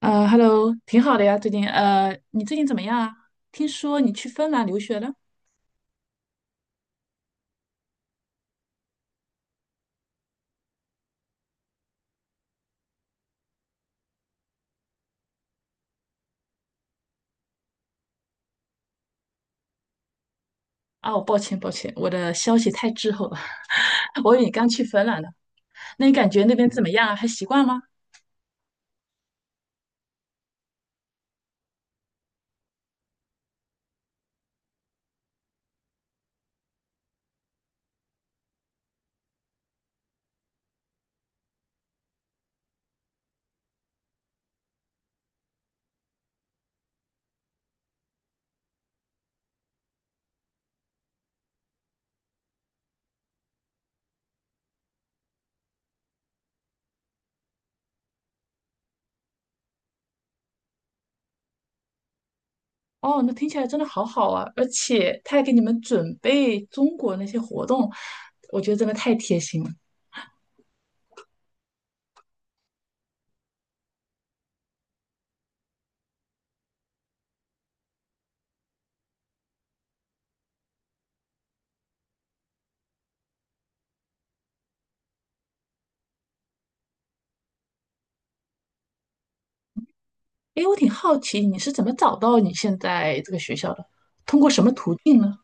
Hello，挺好的呀，最近你最近怎么样啊？听说你去芬兰留学了？哦，抱歉抱歉，我的消息太滞后了，我以为你刚去芬兰呢。那你感觉那边怎么样啊？还习惯吗？哦，那听起来真的好好啊，而且他还给你们准备中国那些活动，我觉得真的太贴心了。诶，我挺好奇你是怎么找到你现在这个学校的，通过什么途径呢？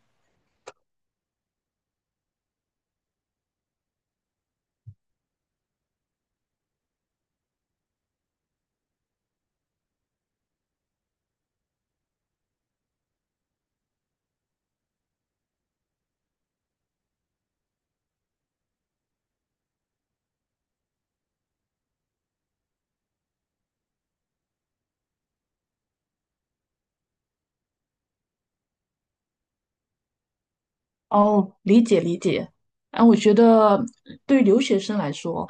哦，理解理解。啊，我觉得对于留学生来说，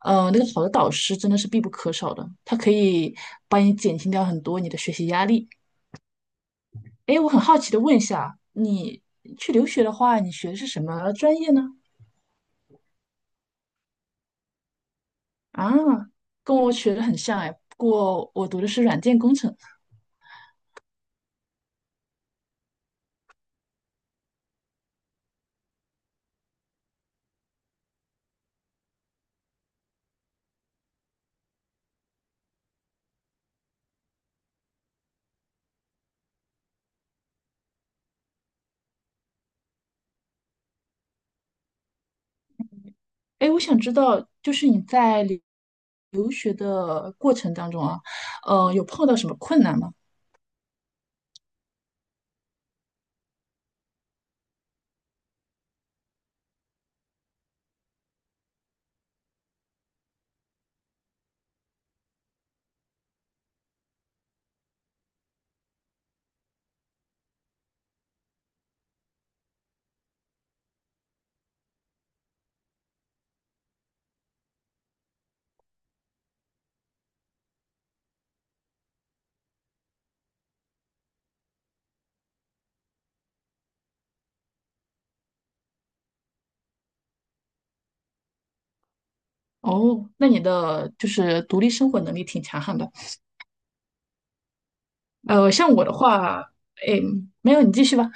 那个好的导师真的是必不可少的，他可以帮你减轻掉很多你的学习压力。哎，我很好奇的问一下，你去留学的话，你学的是什么专业呢？啊，跟我学的很像哎，不过我读的是软件工程。哎，我想知道，就是你在留学的过程当中啊，有碰到什么困难吗？哦，那你的就是独立生活能力挺强悍的。像我的话，哎，没有，你继续吧。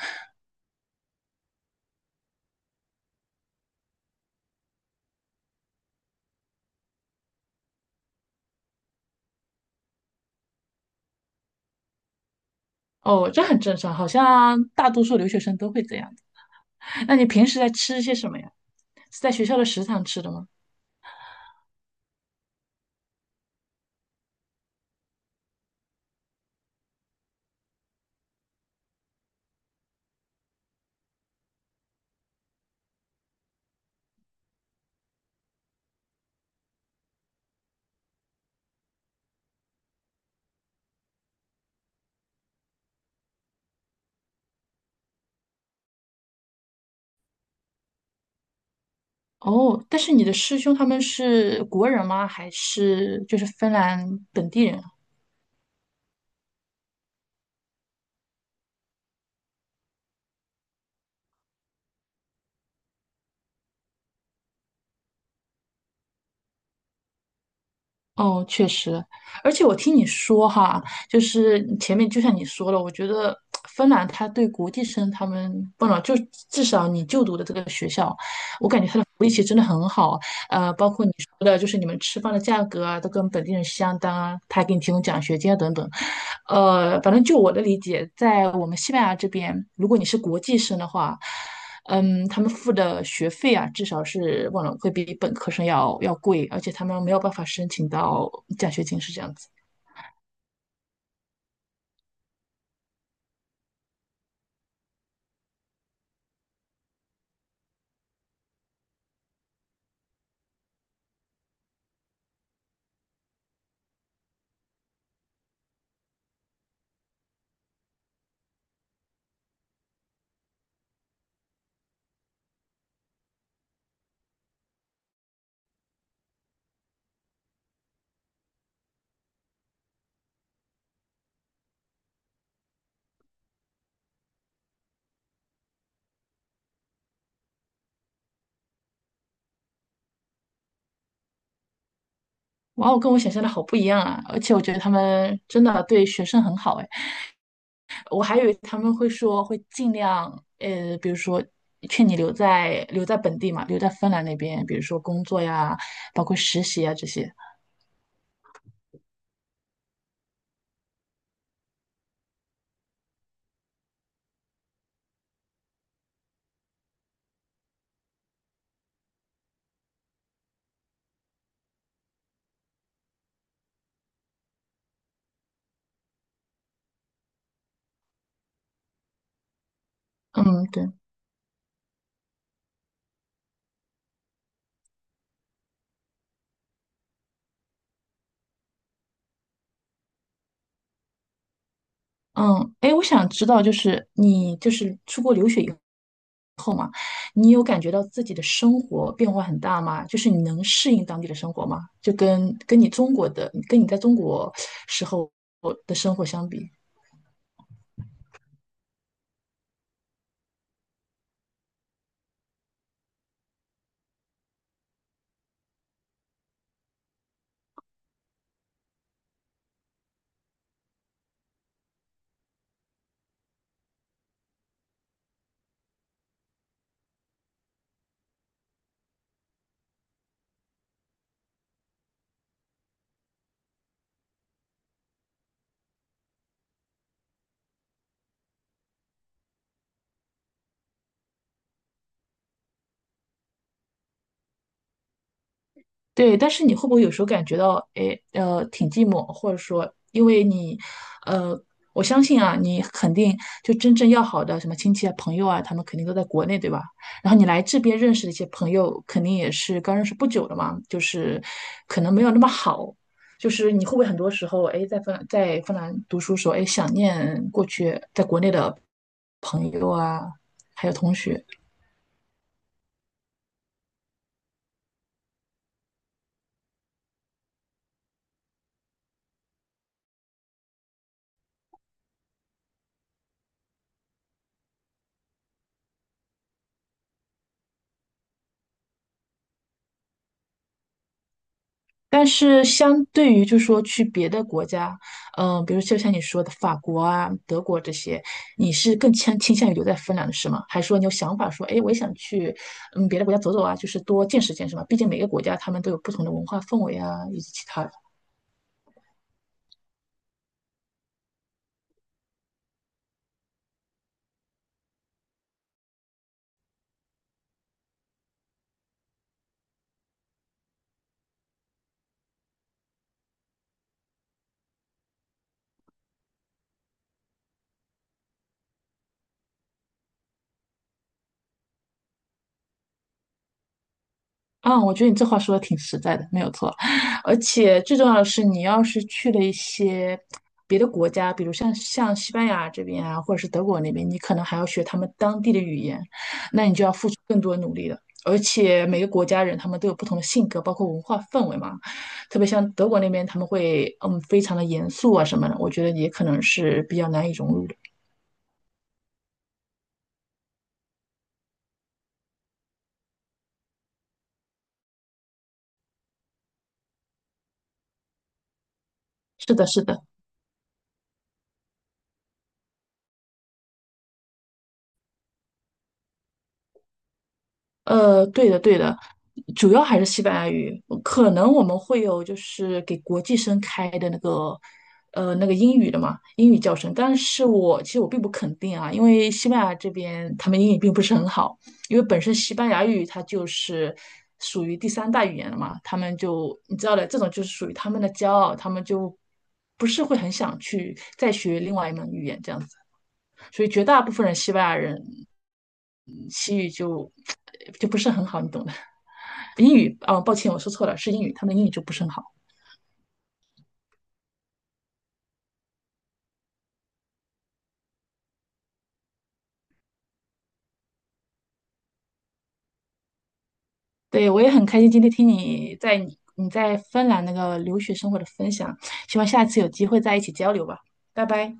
哦，这很正常，好像大多数留学生都会这样。那你平时在吃些什么呀？是在学校的食堂吃的吗？哦，但是你的师兄他们是国人吗？还是就是芬兰本地人啊。哦，确实，而且我听你说哈，就是你前面就像你说了，我觉得芬兰他对国际生他们，不能就至少你就读的这个学校，我感觉他的福利其实真的很好。包括你说的，就是你们吃饭的价格啊，都跟本地人相当啊，他还给你提供奖学金啊，等等。反正就我的理解，在我们西班牙这边，如果你是国际生的话，嗯，他们付的学费啊，至少是忘了会比本科生要贵，而且他们没有办法申请到奖学金，是这样子。哇哦，跟我想象的好不一样啊！而且我觉得他们真的对学生很好哎。我还以为他们会说会尽量，比如说劝你留在本地嘛，留在芬兰那边，比如说工作呀，包括实习啊这些。嗯，对，嗯，哎，我想知道，就是你就是出国留学以后，你有感觉到自己的生活变化很大吗？就是你能适应当地的生活吗？就跟你中国的，跟你在中国时候的生活相比。对，但是你会不会有时候感觉到，哎，挺寂寞，或者说，因为你，呃，我相信啊，你肯定就真正要好的什么亲戚啊、朋友啊，他们肯定都在国内，对吧？然后你来这边认识的一些朋友，肯定也是刚认识不久的嘛，就是可能没有那么好，就是你会不会很多时候，哎，在芬兰读书时候，哎，想念过去在国内的朋友啊，还有同学。但是相对于就说去别的国家，嗯、比如就像你说的法国啊、德国这些，你是更倾向于留在芬兰的是吗？还是说你有想法说，哎，我也想去嗯别的国家走走啊，就是多见识见识嘛？毕竟每个国家他们都有不同的文化氛围啊，以及其他的。啊，我觉得你这话说的挺实在的，没有错。而且最重要的是，你要是去了一些别的国家，比如像西班牙这边啊，或者是德国那边，你可能还要学他们当地的语言，那你就要付出更多努力了。而且每个国家人他们都有不同的性格，包括文化氛围嘛。特别像德国那边，他们会嗯非常的严肃啊什么的，我觉得也可能是比较难以融入的。是的，是的。对的，对的，主要还是西班牙语。可能我们会有就是给国际生开的那个，那个英语的嘛，英语教程。但是我其实我并不肯定啊，因为西班牙这边他们英语并不是很好，因为本身西班牙语它就是属于第三大语言了嘛，他们就你知道的，这种就是属于他们的骄傲，他们就不是会很想去再学另外一门语言这样子。所以绝大部分人西班牙人嗯西语就 就不是很好，你懂的。英语啊，哦，抱歉，我说错了，是英语，他们英语就不是很好。对，我也很开心今天听你在你在芬兰那个留学生活的分享，希望下次有机会再一起交流吧，拜拜。